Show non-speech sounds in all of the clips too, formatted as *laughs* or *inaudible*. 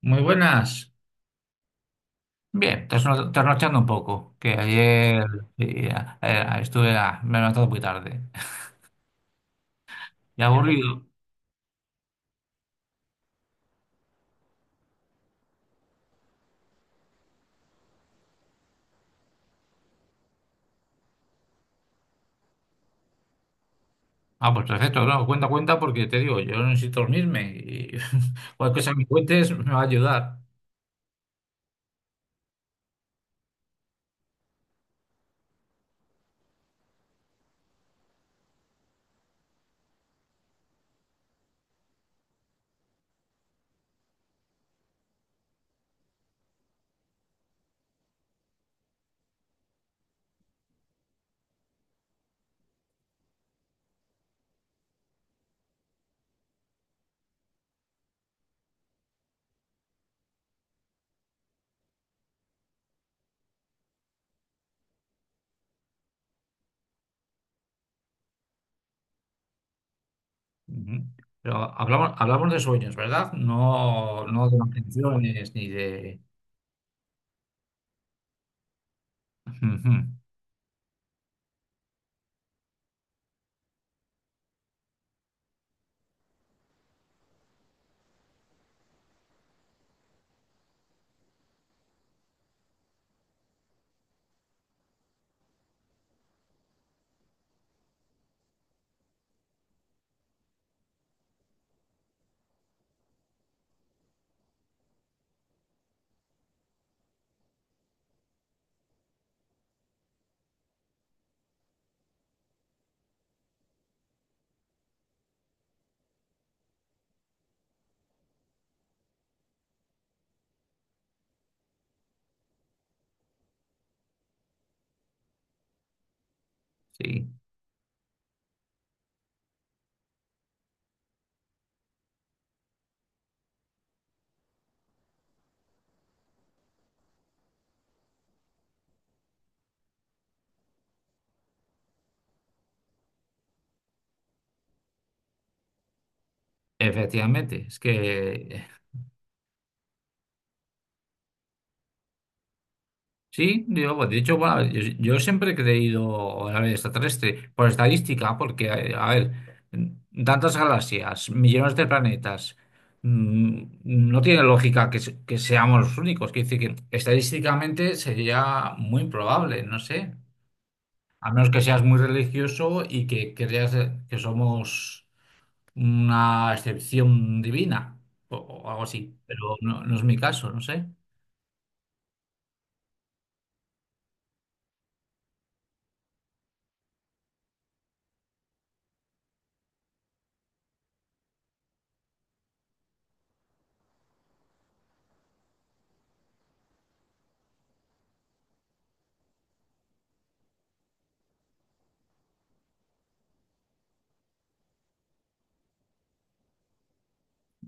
Muy buenas. Bien, trasnochando un poco, que ayer sí, estuve, me he levantado muy tarde. Y aburrido. Ah, pues perfecto, no, cuenta, cuenta, porque te digo, yo no necesito dormirme y *laughs* cualquier cosa que me cuentes me va a ayudar. Ujú. Pero hablamos de sueños, ¿verdad? No, no de intenciones ni de... Ujú. Sí, efectivamente, es que sí, digo, pues, de hecho, bueno, yo siempre he creído en la vida extraterrestre, por estadística, porque, a ver, tantas galaxias, millones de planetas, no tiene lógica que seamos los únicos. Quiere decir que estadísticamente sería muy improbable, no sé. A menos que seas muy religioso y que creas que somos una excepción divina o algo así. Pero no, no es mi caso, no sé.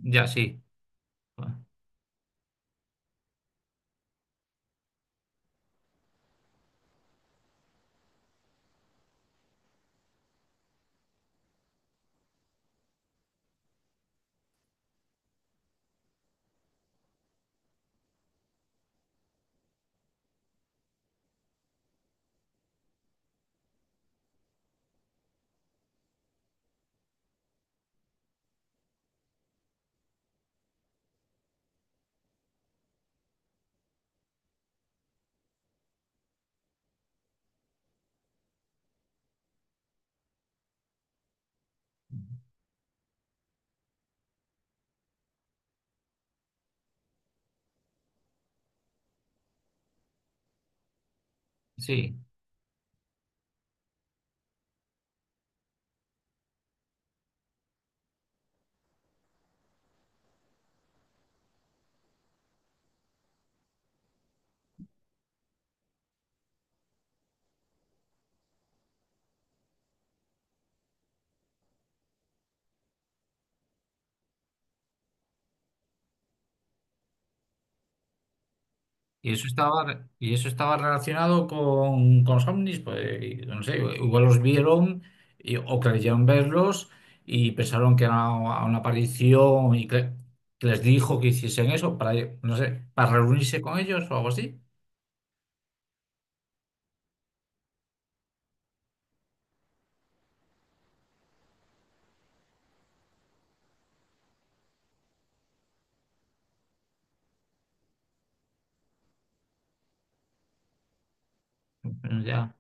Ya sí, bueno, sí. Y eso estaba relacionado con los ovnis, pues y no sé, igual los vieron o creyeron verlos y pensaron que era una aparición y que les dijo que hiciesen eso para, no sé, para reunirse con ellos o algo así. Pero ya.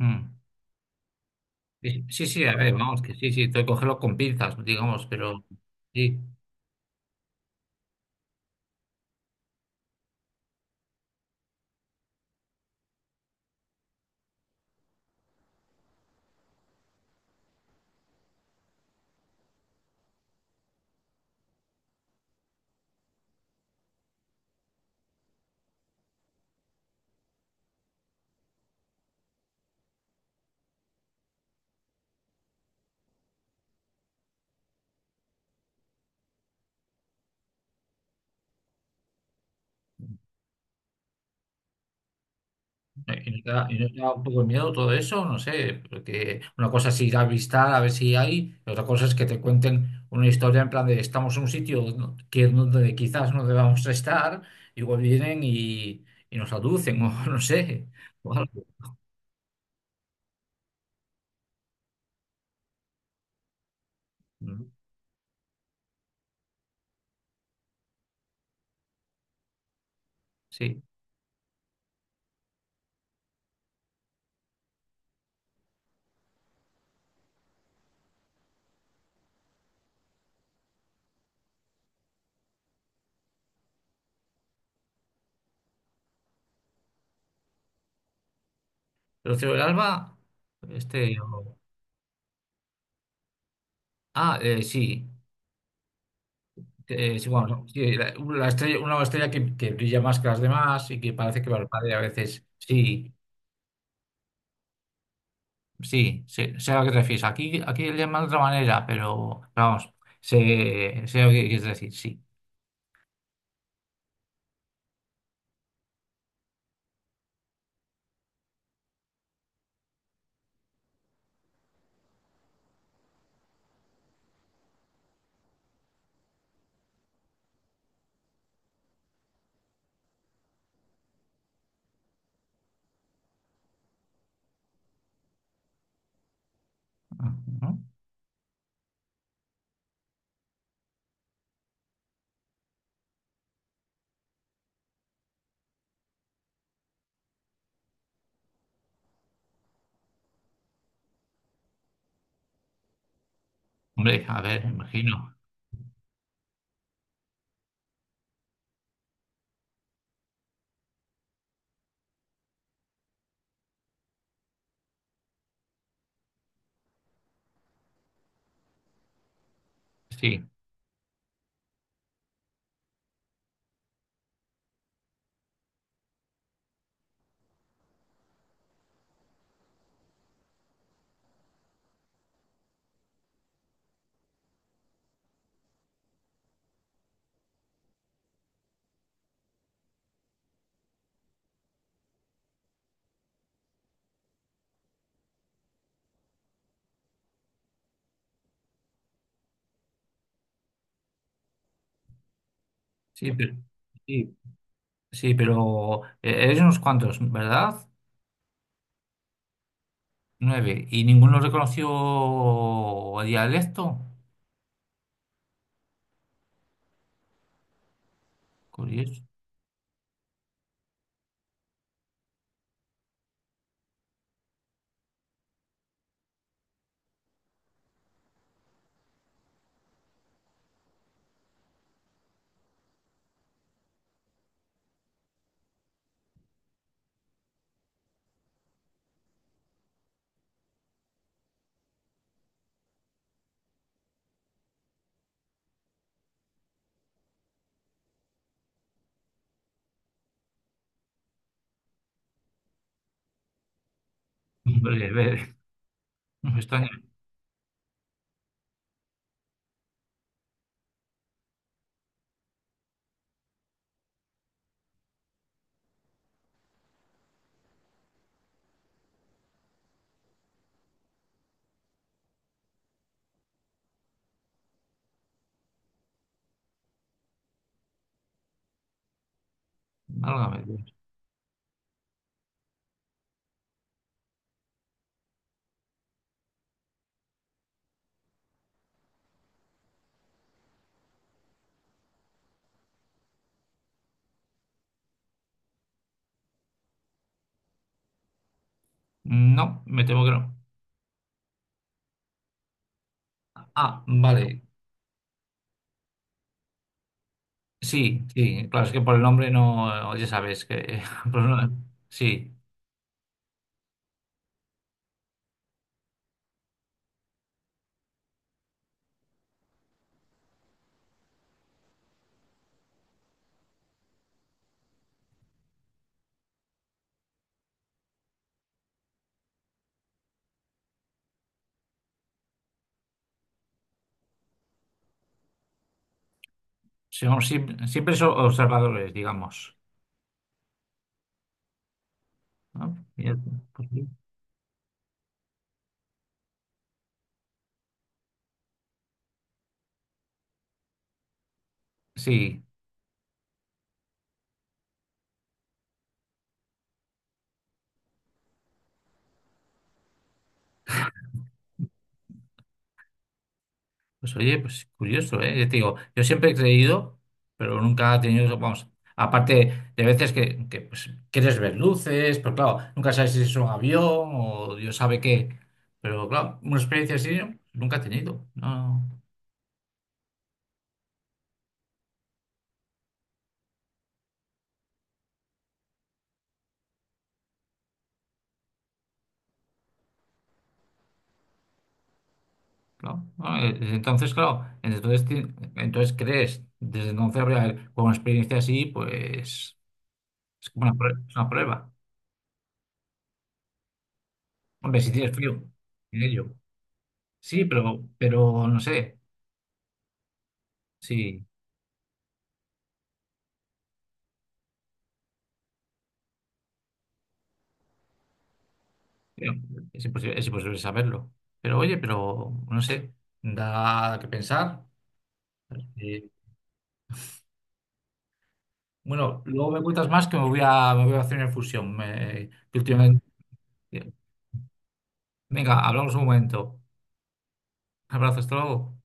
Mm. Sí, sí, sí, a ver, vamos, que sí, sí, tengo que cogerlo con pinzas, digamos, pero sí. ¿Y no te da, y no te da un poco de miedo todo eso? No sé, porque una cosa es ir a visitar a ver si hay, y otra cosa es que te cuenten una historia en plan de estamos en un sitio que donde quizás no debamos *laughs* estar, igual vienen y nos aducen, o *laughs* no sé, o algo. Mm. Sí. Pero Cielo del Alba, este. O... Ah, sí. Sí, bueno, no, sí, la estrella, una estrella que brilla más que las demás y que parece que parpadea a veces. Sí. Sí, sé, sé a lo que te refieres. Aquí, aquí le llaman de otra manera, pero vamos, sé, sé lo que quieres decir, sí. Ujú. Hombre, a ver, imagino. Sí, sí, pero, sí, sí, pero eres unos cuantos, ¿verdad? Nueve. ¿Y ninguno reconoció el dialecto? Curioso. Hombre, a ver, *laughs* me extraña, válgame Dios. No, me temo que no. Ah, vale. Sí, sí, claro, es que por el nombre no, ya sabes que... *laughs* por el nombre. Sí. Sí, vamos, siempre, siempre son observadores, digamos. ¿No? Mira, pues bien. Sí, pues oye, pues curioso, ¿eh? Ya te digo, yo siempre he creído, pero nunca he tenido, vamos, aparte de veces que, pues, quieres ver luces, pero claro, nunca sabes si es un avión o Dios sabe qué. Pero claro, una experiencia así ¿no? nunca he tenido. No, claro. No, desde entonces, claro, entonces, entonces crees, desde entonces, con una experiencia así, pues es como una es una prueba. Hombre, si tienes frío, en ello. Sí, pero no sé. Sí, pero es imposible saberlo. Pero oye, pero no sé, da que pensar. Eh, bueno, luego me cuentas más que me voy a hacer una infusión. Que últimamente... Venga, hablamos un momento. Abrazos, hasta luego.